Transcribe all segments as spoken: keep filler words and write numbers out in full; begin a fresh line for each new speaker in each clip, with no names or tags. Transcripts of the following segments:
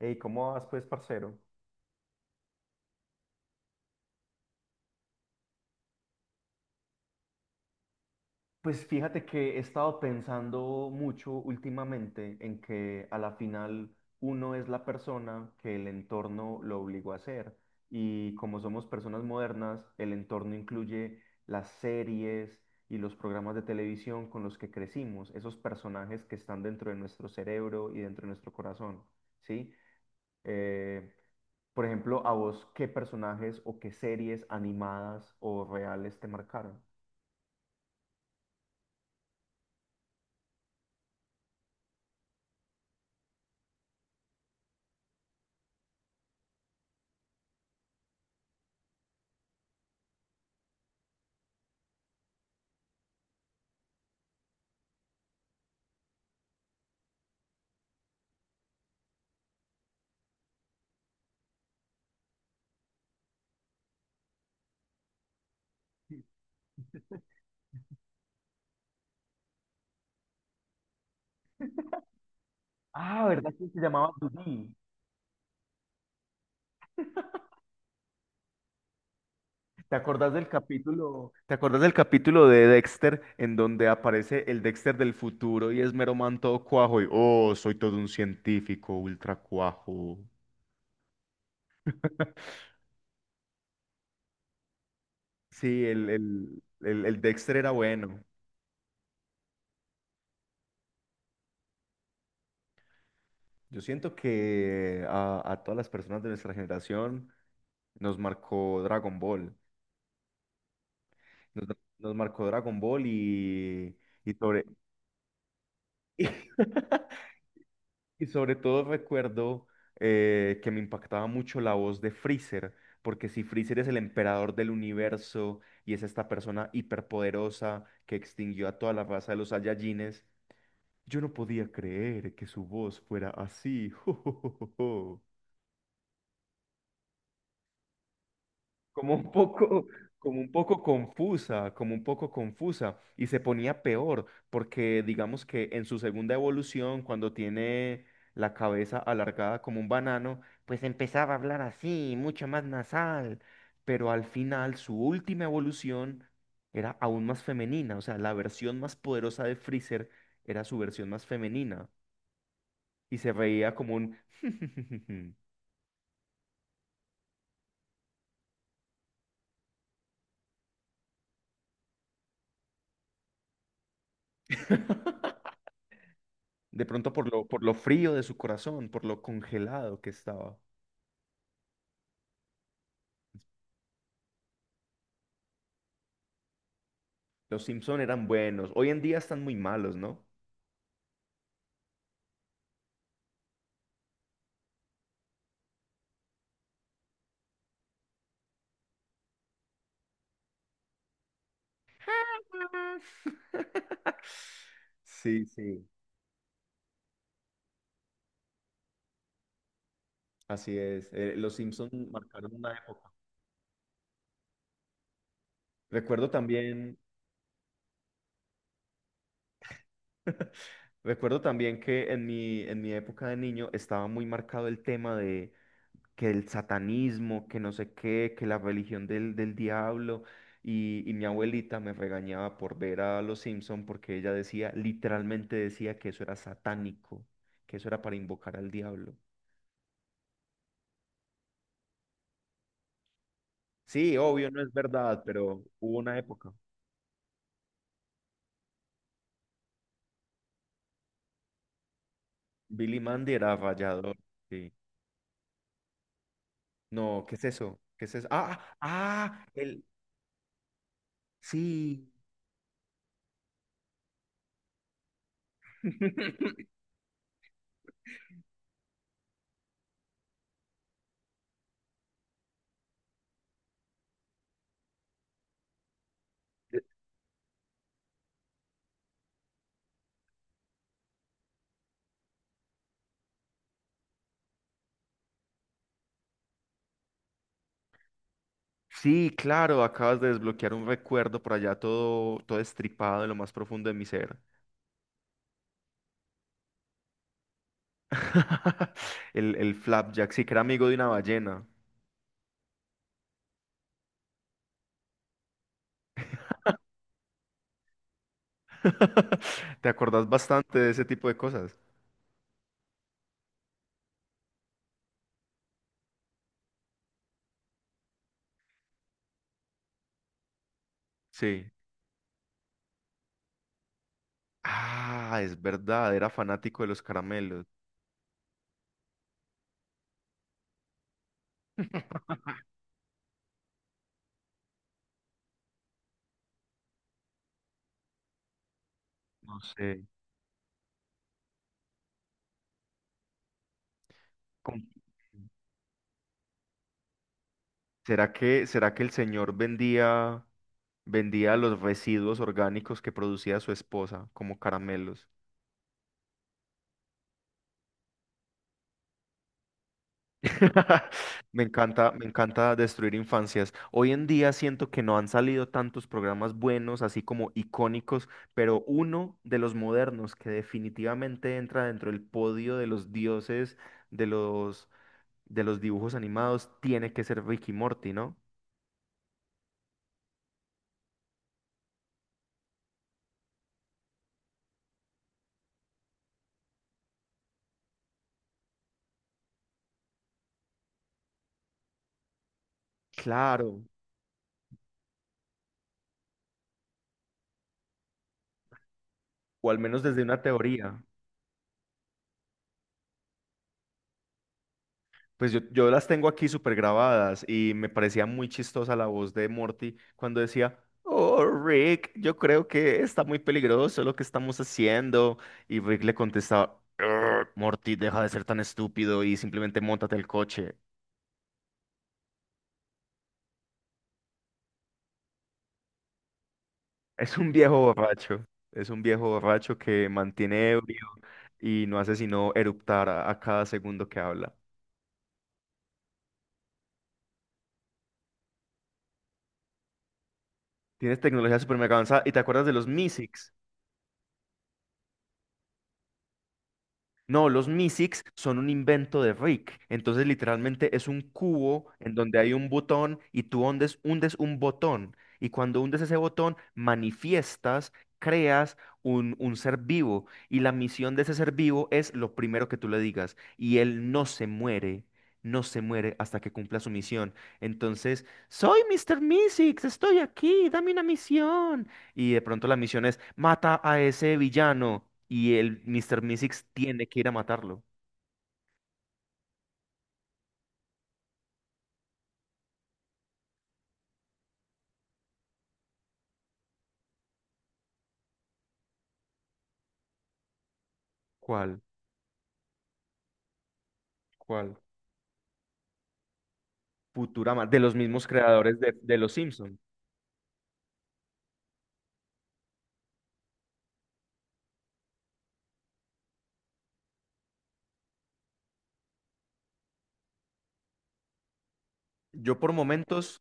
Ey, ¿cómo vas, pues, parcero? Pues fíjate que he estado pensando mucho últimamente en que a la final uno es la persona que el entorno lo obligó a ser. Y como somos personas modernas, el entorno incluye las series y los programas de televisión con los que crecimos, esos personajes que están dentro de nuestro cerebro y dentro de nuestro corazón, ¿sí? Eh, por ejemplo, a vos, ¿qué personajes o qué series animadas o reales te marcaron? Ah, ¿verdad que se llamaba Judy? ¿Te acordás del capítulo, te acordás del capítulo de Dexter en donde aparece el Dexter del futuro y es mero man todo cuajo y oh, soy todo un científico ultra cuajo? Sí, el, el, el, el Dexter era bueno. Yo siento que a, a todas las personas de nuestra generación nos marcó Dragon Ball. Nos, Nos marcó Dragon Ball y, y sobre... Y sobre todo recuerdo eh, que me impactaba mucho la voz de Freezer, porque si Freezer es el emperador del universo y es esta persona hiperpoderosa que extinguió a toda la raza de los Saiyajines, yo no podía creer que su voz fuera así. Como un poco, como un poco confusa, como un poco confusa, y se ponía peor, porque digamos que en su segunda evolución, cuando tiene la cabeza alargada como un banano, pues empezaba a hablar así, mucho más nasal, pero al final su última evolución era aún más femenina, o sea, la versión más poderosa de Freezer era su versión más femenina, y se reía como un... De pronto por lo, por lo frío de su corazón, por lo congelado que estaba. Los Simpson eran buenos. Hoy en día están muy malos, ¿no? Sí, sí, así es. Eh, Los Simpson marcaron una época. Recuerdo también, Recuerdo también que en mi, en mi época de niño estaba muy marcado el tema de que el satanismo, que no sé qué, que la religión del, del diablo. Y, y mi abuelita me regañaba por ver a Los Simpson porque ella decía, literalmente decía que eso era satánico, que eso era para invocar al diablo. Sí, obvio, no es verdad, pero hubo una época. Billy Mandy era rayador, sí. No, ¿qué es eso? ¿Qué es eso? Ah, ah, el... Sí. Sí, claro, acabas de desbloquear un recuerdo por allá todo, todo estripado en lo más profundo de mi ser. El, el flapjack, sí, que era amigo de una ballena. ¿Te acordás bastante de ese tipo de cosas? Sí. Ah, es verdad, era fanático de los caramelos. No sé. ¿Cómo- ¿Será que, será que el señor vendía, vendía los residuos orgánicos que producía su esposa como caramelos? Me encanta, me encanta destruir infancias. Hoy en día siento que no han salido tantos programas buenos, así como icónicos, pero uno de los modernos que definitivamente entra dentro del podio de los dioses de los de los dibujos animados tiene que ser Ricky Morty, ¿no? Claro, o al menos desde una teoría. Pues yo, yo las tengo aquí súper grabadas y me parecía muy chistosa la voz de Morty cuando decía, Oh, Rick, yo creo que está muy peligroso lo que estamos haciendo. Y Rick le contestaba, "Ugh, Morty, deja de ser tan estúpido y simplemente móntate el coche." Es un viejo borracho, es un viejo borracho que mantiene ebrio y no hace sino eruptar a, a cada segundo que habla. Tienes tecnología súper mega avanzada y te acuerdas de los Mysics. No, los Mysics son un invento de Rick. Entonces, literalmente es un cubo en donde hay un botón y tú hundes, hundes un botón. Y cuando hundes ese botón, manifiestas, creas un, un ser vivo. Y la misión de ese ser vivo es lo primero que tú le digas. Y él no se muere, no se muere hasta que cumpla su misión. Entonces, soy míster Mysics, estoy aquí, dame una misión y de pronto la misión es mata a ese villano y el míster Mystics tiene que ir a matarlo. ¿Cuál? ¿Cuál? Futurama, de los mismos creadores de, de Los Simpson. Yo por momentos,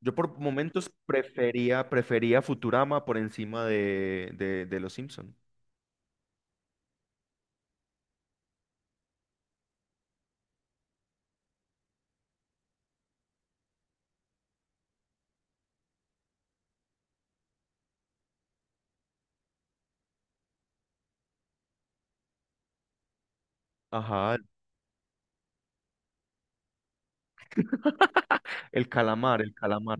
yo por momentos prefería, prefería Futurama por encima de, de, de Los Simpson. Ajá, el calamar, el calamar.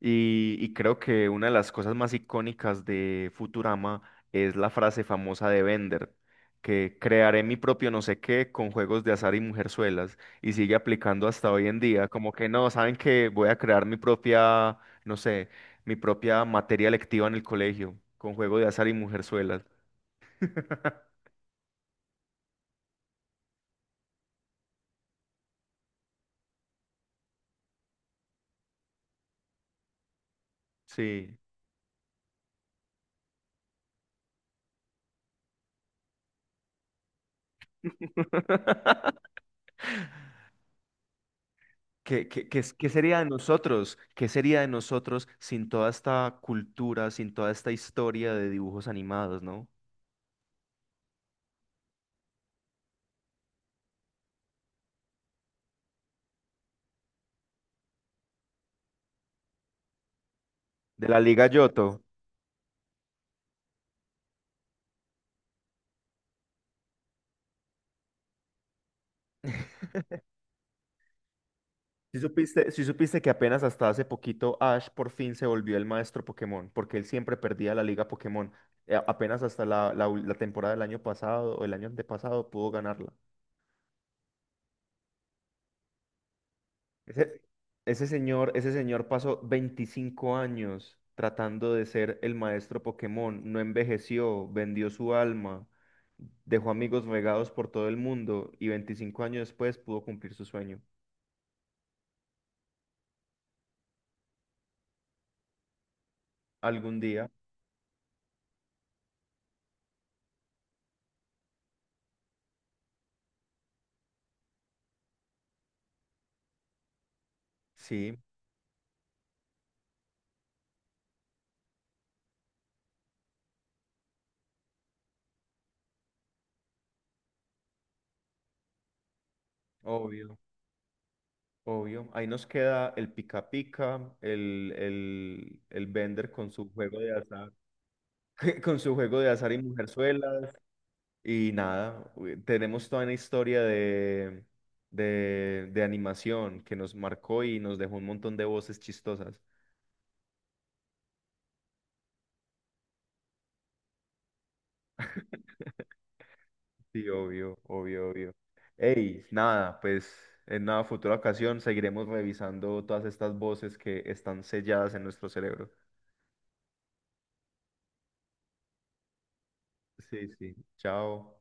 Y, y creo que una de las cosas más icónicas de Futurama es la frase famosa de Bender, que crearé mi propio no sé qué con juegos de azar y mujerzuelas, y sigue aplicando hasta hoy en día, como que no, saben que voy a crear mi propia, no sé, mi propia materia lectiva en el colegio, con juego de azar y mujerzuelas. Sí. ¿Qué, qué- qué es- qué sería de nosotros? ¿Qué sería de nosotros sin toda esta cultura, sin toda esta historia de dibujos animados, ¿no? De la Liga Yoto. Si supiste, si supiste que apenas hasta hace poquito Ash por fin se volvió el maestro Pokémon, porque él siempre perdía la Liga Pokémon. Eh, apenas hasta la, la ul- la temporada del año pasado o el año antepasado pudo ganarla. Ese, Ese señor, ese señor pasó veinticinco años tratando de ser el maestro Pokémon, no envejeció, vendió su alma, dejó amigos regados por todo el mundo y veinticinco años después pudo cumplir su sueño. Algún día, sí, obvio. Obvio. Ahí nos queda el pica pica, el, el, el Bender con su juego de azar, con su juego de azar y mujerzuelas. Y nada, u- tenemos toda una historia de, de, de animación que nos marcó y nos dejó un montón de voces chistosas. Sí, obvio, obvio, obvio. Ey, nada, pues en una futura ocasión seguiremos revisando todas estas voces que están selladas en nuestro cerebro. Sí, sí. Chao.